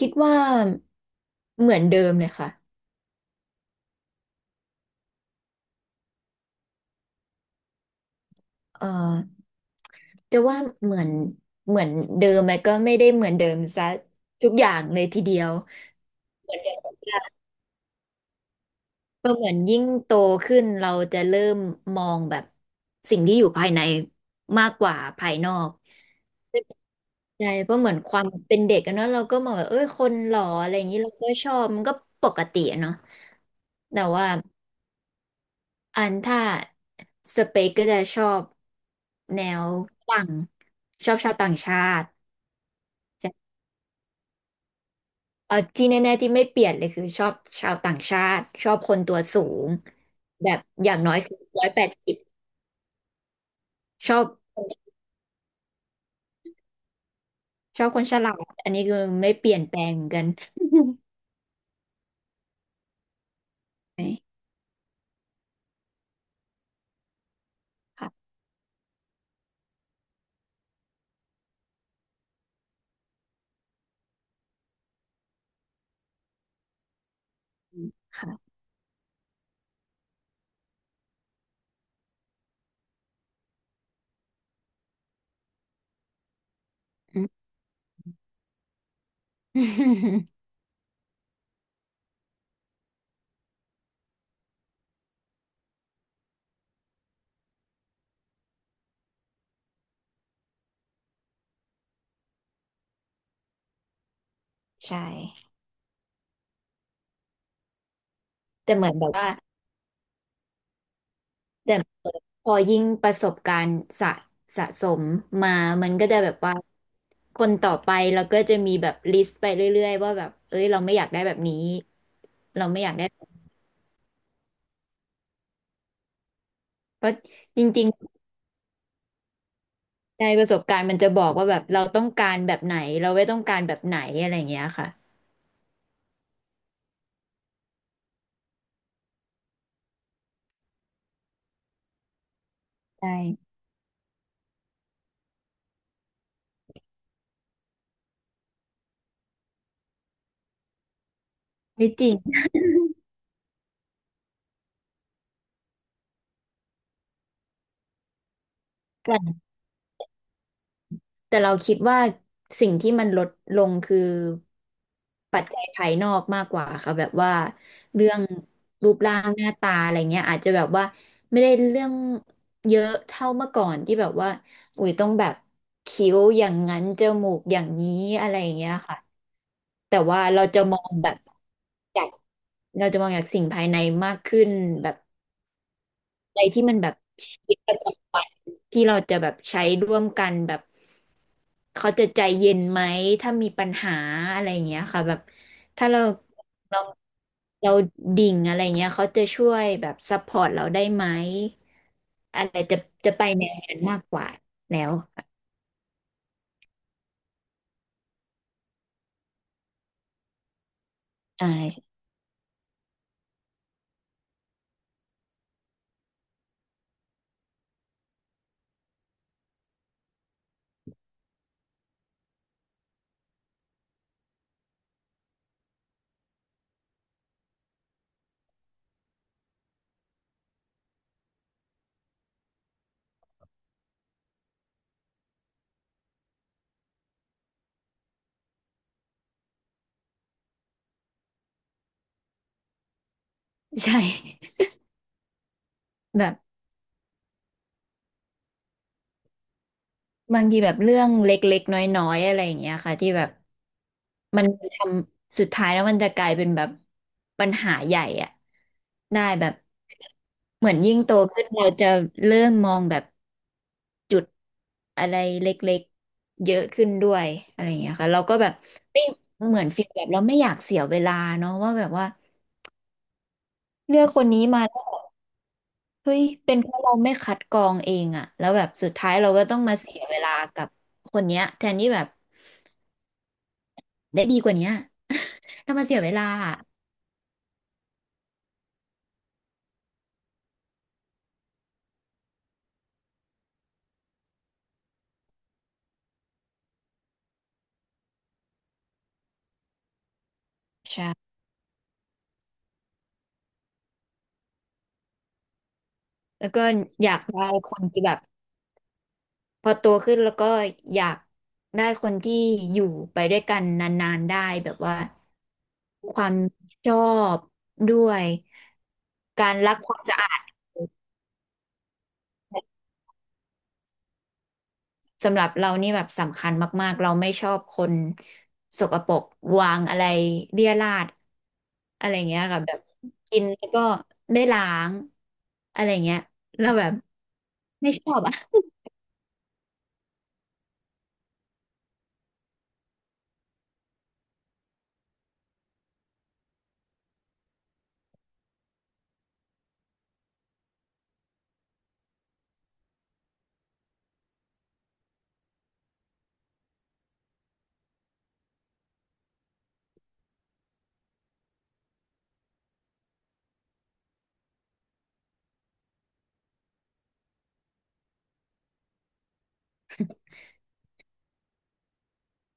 คิดว่าเหมือนเดิมเลยค่ะเอ่อจะว่าเหมือนเหมือนเดิมไหมก็ไม่ได้เหมือนเดิมซะทุกอย่างเลยทีเดียวเหมือนเดิมก็เหมือนยิ่งโตขึ้นเราจะเริ่มมองแบบสิ่งที่อยู่ภายในมากกว่าภายนอกใช่เพราะเหมือนความเป็นเด็กกันเนาะเราก็มองแบบเอ้ยคนหล่ออะไรอย่างนี้เราก็ชอบมันก็ปกติอะเนาะแต่ว่า อันถ้าสเปกก็จะชอบแนวฝรั่งชอบชาวต่างชาติจะเออที่แน่ๆที่ไม่เปลี่ยนเลยคือชอบชาวต่างชาติชอบคนตัวสูงแบบอย่างน้อยคือ180ชอบชอบคนฉลาดอันนี้คือไม่เปลี่ยนแปลงเหมือนกัน ใช่ค่ะค่ะอืม ใช่แต่เหมือนแบบว่า แต่พอยิ่งประสบการณ์สะสมมามันก็จะแบบว่าคนต่อไปเราก็จะมีแบบลิสต์ไปเรื่อยๆว่าแบบเอ้ยเราไม่อยากได้แบบนี้เราไม่อยากได้แบบเพราะจริงๆในประสบการณ์มันจะบอกว่าแบบเราต้องการแบบไหนเราไม่ต้องการแบบไหนอะไรอย่างเงี้ยค่ะใช่ไม่จริง แต่เราคิดว่าสิ่งที่มันลดลงคือปัจจัยภายนอกมากกว่าค่ะแบบว่าเรื่องรูปร่างหน้าตาอะไรเงี้ยอาจจะแบบว่าไม่ได้เรื่องเยอะเท่าเมื่อก่อนที่แบบว่าอุ้ยต้องแบบคิ้วอย่างนั้นจมูกอย่างนี้อะไรอย่างเงี้ยค่ะแต่ว่าเราจะมองแบบจากเราจะมองจากสิ่งภายในมากขึ้นแบบ อะไรที่มันแบบชีวิตประจำวันที่เราจะแบบใช้ร่วมกันแบบเขาจะใจเย็นไหมถ้ามีปัญหาอะไรอย่างเงี้ยค่ะแบบถ้าเราเราดิ่งอะไรเงี้ยเขาจะช่วยแบบซัพพอร์ตเราได้ไหมอะไรจะจะไปแนวนั้นมากกว่าแล้วอ่าใช่ แบบ บางทีแบบเรื่องเล็กๆน้อยๆอะไรอย่างเงี้ยค่ะที่แบบมันทำสุดท้ายแล้วมันจะกลายเป็นแบบปัญหาใหญ่อะได้แบบเหมือนยิ่งโตขึ้นเราจะเริ่มมองแบบอะไรเล็กๆเยอะขึ้นด้วยอะไรอย่างเงี้ยค่ะเราก็แบบไม่เหมือนฟีลแบบเราไม่อยากเสียเวลาเนาะว่าแบบว่าเลือกคนนี้มาแล้วแบบเฮ้ยเป็นเพราะเราไม่คัดกรองเองอะแล้วแบบสุดท้ายเราก็ต้องมาเสียเวลากับคนเนี้ยแทนที่แบบ ได้ดีกว่าเนี้ย ถ้ามาเสียเวลาอะใช่แล้วก็อยากได้คนที่แบบพอโตขึ้นแล้วก็อยากได้คนที่อยู่ไปด้วยกันนานๆได้แบบว่าความชอบด้วยการรักความสะอาดสำหรับเรานี่แบบสำคัญมากๆเราไม่ชอบคนสกปรกวางอะไรเรี่ยราดอะไรเงี้ยค่ะแบบกินแล้วก็ไม่ล้างอะไรเงี้ยเราแบบไม่ชอบอะ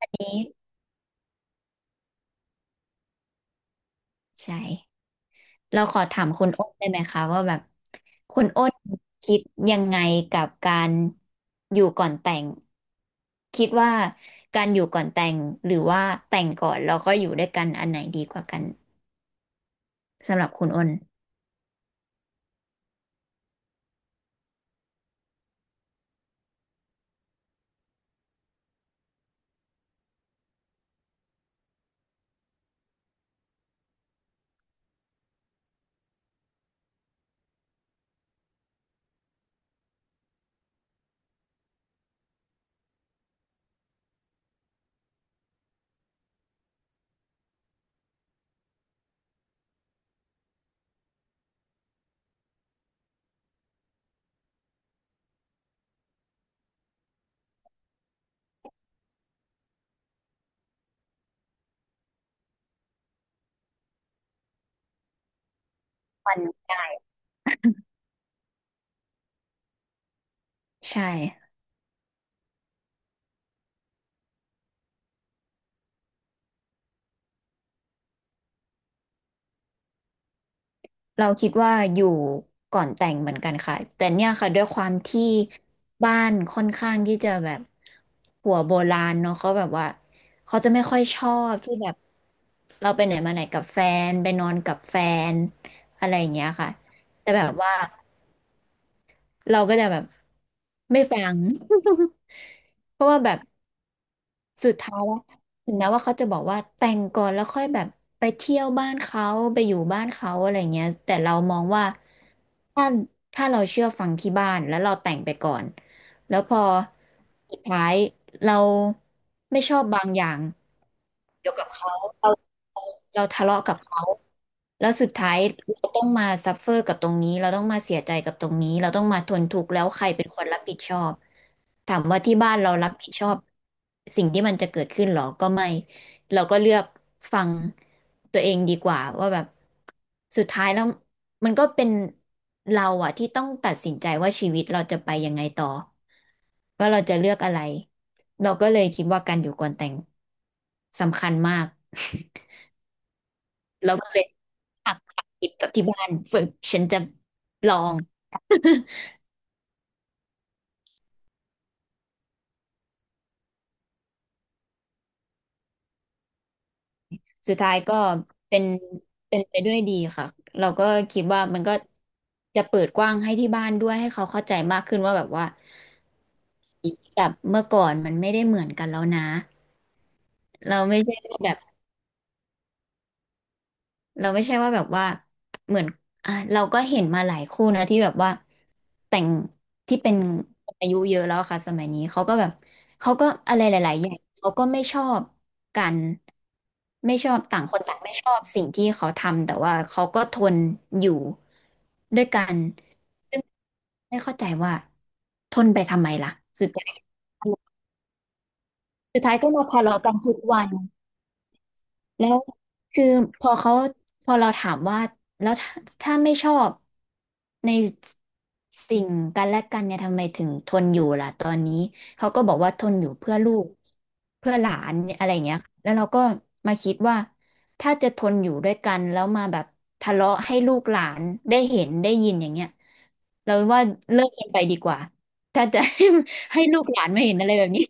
นี้ใช่เราขอถามคุณอ้นได้ไหมคะว่าแบบคุณอ้นคิดยังไงกับการอยู่ก่อนแต่งคิดว่าการอยู่ก่อนแต่งหรือว่าแต่งก่อนแล้วก็อยู่ด้วยกันอันไหนดีกว่ากันสำหรับคุณอ้นวันได้ใช่ เราคิดว่าอยู่ก่อนแต่งเหมือนกันค่ะแต่เนี่ยค่ะด้วยความที่บ้านค่อนข้างที่จะแบบหัวโบราณเนาะเขาแบบว่าเขาจะไม่ค่อยชอบที่แบบเราไปไหนมาไหนกับแฟนไปนอนกับแฟนอะไรอย่างเงี้ยค่ะแต่แบบว่าเราก็จะแบบไม่ฟัง เพราะว่าแบบ สุดท้ายแล้วถึงแม้ว่าเขาจะบอกว่าแต่งก่อนแล้วค่อยแบบไปเที่ยวบ้านเขาไปอยู่บ้านเขาอะไรเงี้ยแต่เรามองว่าถ้าถ้าเราเชื่อฟังที่บ้านแล้วเราแต่งไปก่อนแล้วพอสุดท้ายเราไม่ชอบบางอย่างเกี่ยวกับเขา เราทะเลาะกับเขาแล้วสุดท้ายเราต้องมาซัฟเฟอร์กับตรงนี้เราต้องมาเสียใจกับตรงนี้เราต้องมาทนทุกข์แล้วใครเป็นคนรับผิดชอบถามว่าที่บ้านเรารับผิดชอบสิ่งที่มันจะเกิดขึ้นหรอก็ไม่เราก็เลือกฟังตัวเองดีกว่าว่าแบบสุดท้ายแล้วมันก็เป็นเราอะที่ต้องตัดสินใจว่าชีวิตเราจะไปยังไงต่อว่าเราจะเลือกอะไรเราก็เลยคิดว่าการอยู่ก่อนแต่งสำคัญมาก แล้วก็เลย หักติดกับที่บ้านฝึกฉันจะลอง สุดท้ายก็เป็นเป็นไปด้วยดีค่ะ เราก็คิดว่ามันก็จะเปิดกว้างให้ที่บ้านด้วยให้เขาเข้าใจมากขึ้นว่าแบบว่าแบบเมื่อก่อนมันไม่ได้เหมือนกันแล้วนะ เราไม่ใช่ว่าแบบ เราไม่ใช่ว่าแบบว่าเหมือนอ่ะเราก็เห็นมาหลายคู่นะที่แบบว่าแต่งที่เป็นคนอายุเยอะแล้วอะค่ะสมัยนี้เขาก็แบบเขาก็อะไรหลายๆอย่างเขาก็ไม่ชอบกันไม่ชอบต่างคนต่างไม่ชอบสิ่งที่เขาทำแต่ว่าเขาก็ทนอยู่ด้วยกันซึ่งไม่เข้าใจว่าทนไปทำไมล่ะสุดท้ายสุดท้ายก็มาทะเลาะกันทุกวัน แล้วคือพอเขาพอเราถามว่าแล้วถ้าไม่ชอบในสิ่งกันและกันเนี่ยทำไมถึงทนอยู่ล่ะตอนนี้เขาก็บอกว่าทนอยู่เพื่อลูกเพื่อหลานอะไรอย่างเงี้ยค่ะแล้วเราก็มาคิดว่าถ้าจะทนอยู่ด้วยกันแล้วมาแบบทะเลาะให้ลูกหลานได้เห็นได้ยินอย่างเงี้ยเราว่าเลิกกันไปดีกว่าถ้าจะ ให้ให้ลูกหลานไม่เห็นอะไรแบบนี้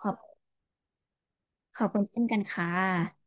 ขอบขอบคุณเช่นกันค่ะ